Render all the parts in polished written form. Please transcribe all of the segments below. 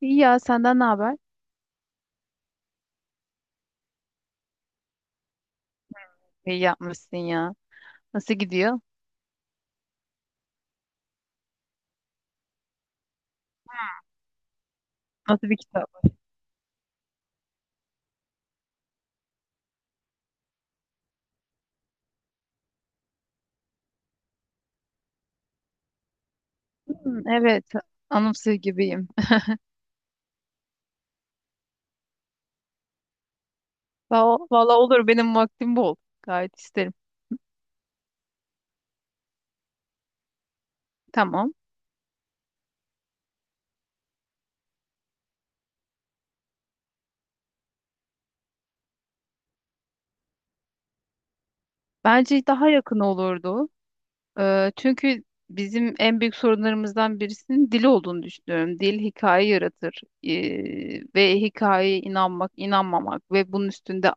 İyi ya, senden ne haber? İyi yapmışsın ya. Nasıl gidiyor? Nasıl bir kitap? Hmm, evet. Anımsıyor gibiyim. Valla olur, benim vaktim bol. Gayet isterim. Tamam. Bence daha yakın olurdu. Çünkü bizim en büyük sorunlarımızdan birisinin dil olduğunu düşünüyorum. Dil hikaye yaratır. Ve hikayeye inanmak, inanmamak ve bunun üstünde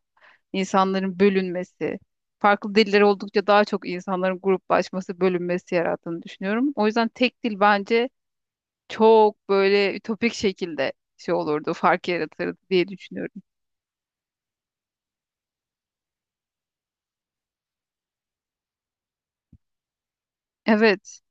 insanların bölünmesi, farklı diller oldukça daha çok insanların gruplaşması, bölünmesi yarattığını düşünüyorum. O yüzden tek dil bence çok böyle ütopik şekilde şey olurdu, fark yaratırdı diye düşünüyorum. Evet.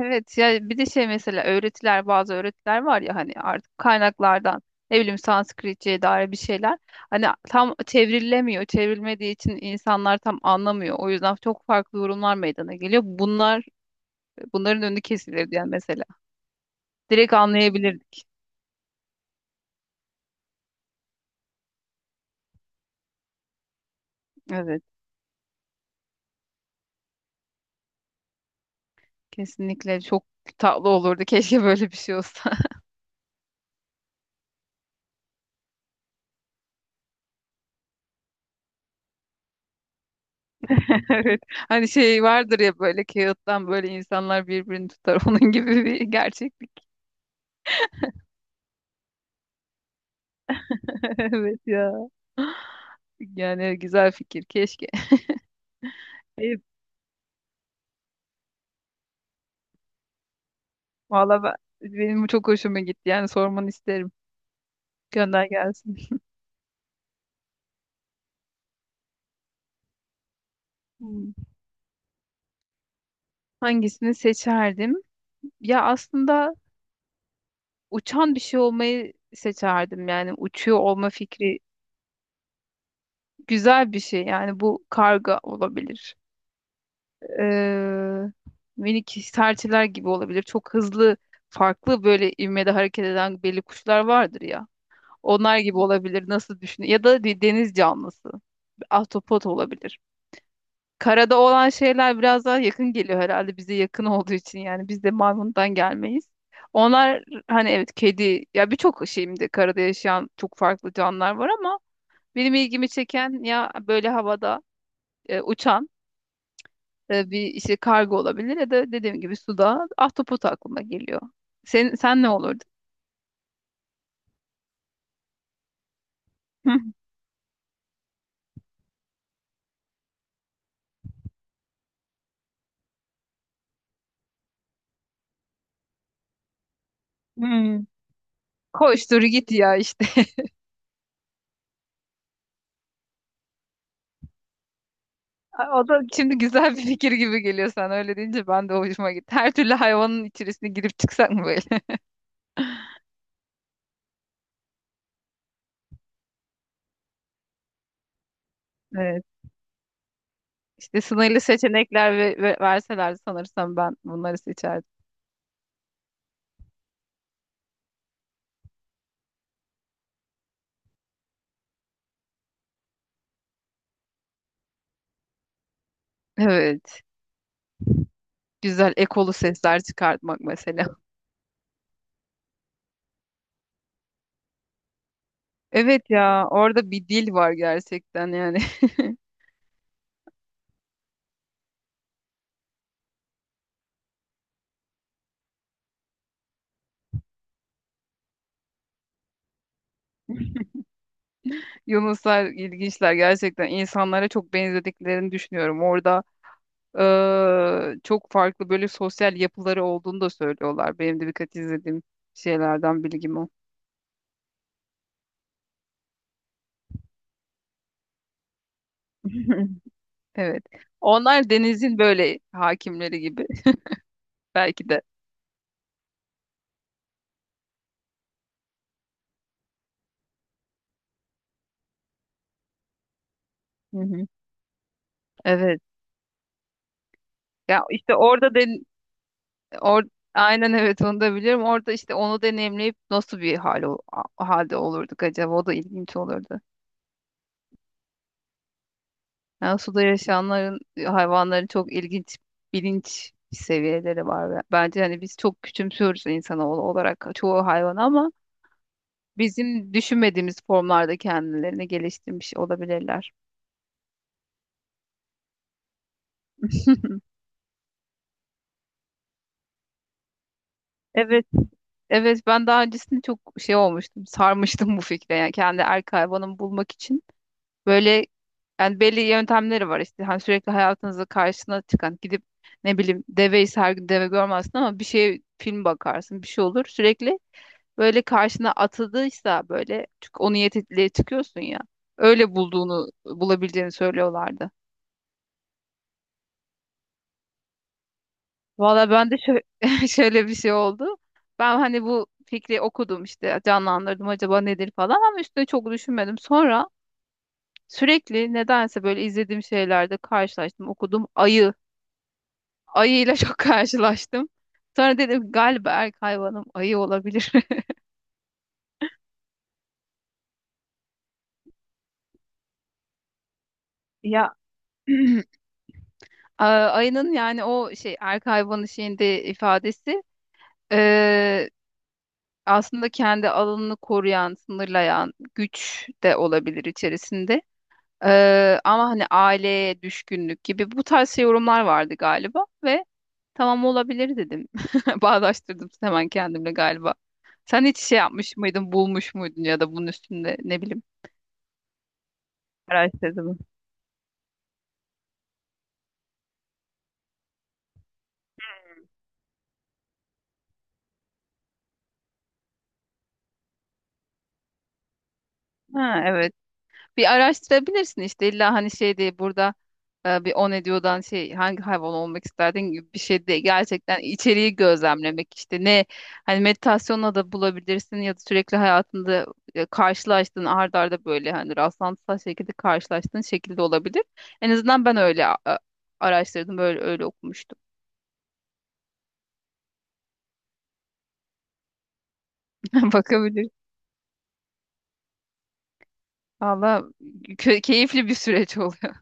Evet ya, bir de şey, mesela öğretiler, bazı öğretiler var ya hani, artık kaynaklardan ne bileyim Sanskritçe'ye dair bir şeyler, hani tam çevrilemiyor, çevrilmediği için insanlar tam anlamıyor, o yüzden çok farklı yorumlar meydana geliyor, bunlar, bunların önü kesilir diyen mesela. Direkt anlayabilirdik. Evet, kesinlikle çok tatlı olurdu. Keşke böyle bir şey olsa. Evet. Hani şey vardır ya, böyle kağıttan böyle insanlar birbirini tutar. Onun gibi bir gerçeklik. Evet ya. Yani güzel fikir. Keşke. Evet, valla ben- benim bu çok hoşuma gitti. Yani sormanı isterim. Gönder gelsin. Hmm. Hangisini seçerdim? Ya aslında uçan bir şey olmayı seçerdim. Yani uçuyor olma fikri güzel bir şey, yani bu karga olabilir. Ee, Minik serçeler gibi olabilir. Çok hızlı, farklı böyle ivmede hareket eden belli kuşlar vardır ya. Onlar gibi olabilir, nasıl düşün, ya da bir deniz canlısı. Bir ahtapot olabilir. Karada olan şeyler biraz daha yakın geliyor herhalde, bize yakın olduğu için, yani biz de maymundan gelmeyiz. Onlar hani, evet, kedi ya, birçok, şimdi karada yaşayan çok farklı canlılar var, ama benim ilgimi çeken ya böyle havada uçan bir işte, kargo olabilir ya da dediğim gibi suda ahtapot aklıma geliyor. Sen ne olurdu? Hmm. Koştur git ya işte. O da şimdi güzel bir fikir gibi geliyor, sen öyle deyince ben de hoşuma gitti. Her türlü hayvanın içerisine girip çıksak mı böyle? Evet. İşte sınırlı seçenekler ve verseler sanırsam ben bunları seçerdim. Evet. Güzel ekolu sesler çıkartmak mesela. Evet ya, orada bir dil var gerçekten yani. Yunuslar ilginçler gerçekten, insanlara çok benzediklerini düşünüyorum. Orada çok farklı böyle sosyal yapıları olduğunu da söylüyorlar. Benim de birkaç izlediğim şeylerden bilgim o. Evet. Onlar denizin böyle hakimleri gibi, belki de. Hı hı. Evet. Ya işte orada den or aynen, evet, onu da biliyorum. Orada işte onu deneyimleyip nasıl bir halde olurduk acaba? O da ilginç olurdu. Yani suda yaşayanların, hayvanların çok ilginç bilinç seviyeleri var. Ve bence hani biz çok küçümsüyoruz insanoğlu olarak çoğu hayvanı, ama bizim düşünmediğimiz formlarda kendilerini geliştirmiş olabilirler. Evet, evet, ben daha öncesinde çok şey olmuştum, sarmıştım bu fikre. Yani kendi erkek hayvanımı bulmak için böyle, yani belli yöntemleri var işte. Hani sürekli hayatınızda karşına çıkan, gidip ne bileyim deveyi, her gün deve görmezsin ama bir şey film bakarsın, bir şey olur, sürekli böyle karşına atıldıysa böyle, çünkü o niyetle çıkıyorsun ya. Öyle bulduğunu, bulabileceğini söylüyorlardı. Valla ben de şöyle bir şey oldu. Ben hani bu fikri okudum işte, canlandırdım acaba nedir falan, ama üstüne çok düşünmedim. Sonra sürekli nedense böyle izlediğim şeylerde karşılaştım, okudum, ayı. Ayıyla çok karşılaştım. Sonra dedim galiba erkek hayvanım ayı olabilir. Ya A- ayının yani o şey, erkek hayvanı şeyinde ifadesi, Ee, aslında kendi alanını koruyan, sınırlayan güç de olabilir içerisinde. Ama hani aileye düşkünlük gibi bu tarz şey yorumlar vardı galiba ve tamam olabilir dedim. Bağdaştırdım hemen kendimle galiba. Sen hiç şey yapmış mıydın, bulmuş muydun ya da bunun üstünde ne bileyim araştırdın mı? Ha, evet. Bir araştırabilirsin işte, illa hani şey değil, burada bir on ediyordan şey, hangi hayvan olmak isterdin gibi bir şey değil. Gerçekten içeriği gözlemlemek işte, ne hani meditasyonla da bulabilirsin ya da sürekli hayatında karşılaştığın, art arda böyle hani rastlantısal şekilde karşılaştığın şekilde olabilir. En azından ben öyle araştırdım, böyle öyle okumuştum. Bakabilir. Valla keyifli bir süreç oluyor.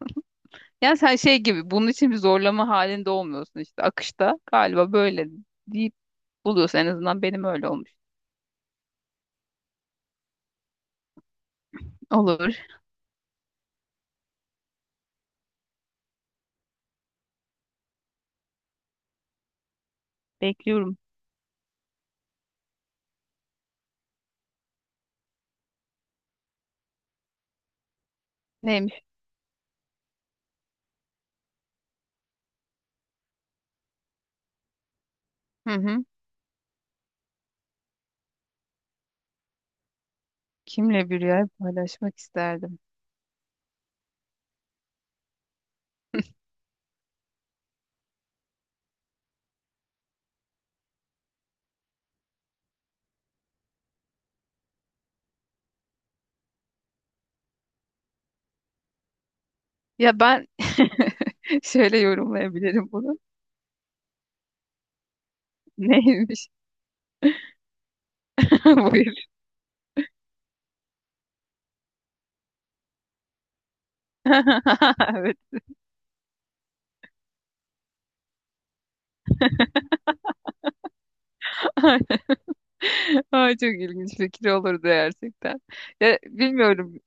Yani sen şey gibi bunun için bir zorlama halinde olmuyorsun, işte akışta galiba, böyle değil, buluyorsun, en azından benim öyle olmuş. Olur. Bekliyorum. Neymiş? Hı hı. Kimle bir yer paylaşmak isterdim? Ya ben şöyle yorumlayabilirim bunu. Neymiş? Buyur. Evet. Ay, çok ilginç fikir olurdu gerçekten. Ya bilmiyorum.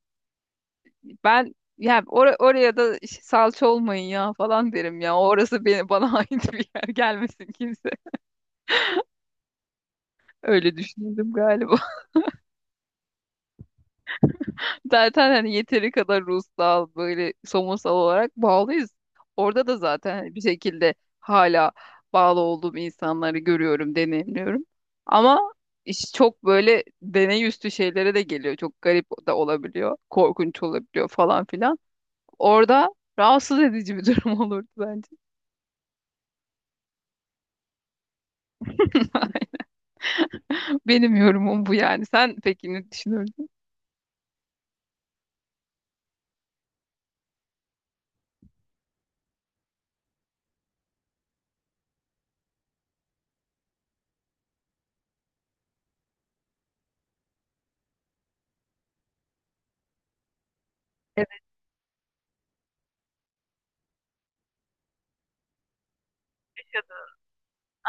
Ben ya oraya da salça olmayın ya falan derim ya. Orası beni, bana ait bir yer, gelmesin kimse. Öyle düşündüm galiba. Zaten hani yeteri kadar ruhsal, böyle somutsal olarak bağlıyız. Orada da zaten hani bir şekilde hala bağlı olduğum insanları görüyorum, deneyimliyorum. Ama iş çok böyle deney üstü şeylere de geliyor. Çok garip da olabiliyor, korkunç olabiliyor falan filan. Orada rahatsız edici bir durum olurdu bence. Benim yorumum bu yani. Sen peki ne düşünüyorsun?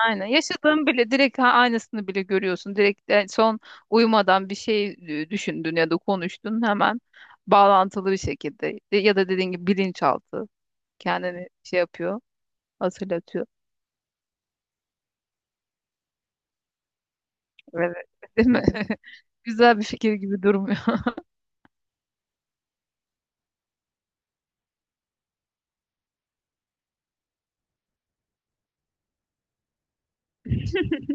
Aynen. Yaşadığın bile direkt, aynısını bile görüyorsun. Direkt son uyumadan bir şey düşündün ya da konuştun, hemen bağlantılı bir şekilde, ya da dediğin gibi bilinçaltı kendini şey yapıyor, hatırlatıyor. Evet. Değil mi? Güzel bir fikir gibi durmuyor.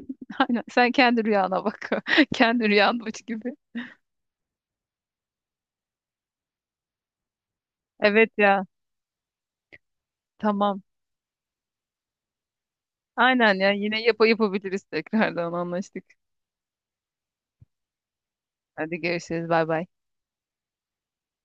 Aynen. Sen kendi rüyana bak. Kendi rüyanmış gibi. Evet ya. Tamam. Aynen ya. Yine yapabiliriz, tekrardan anlaştık. Hadi görüşürüz. Bay bay.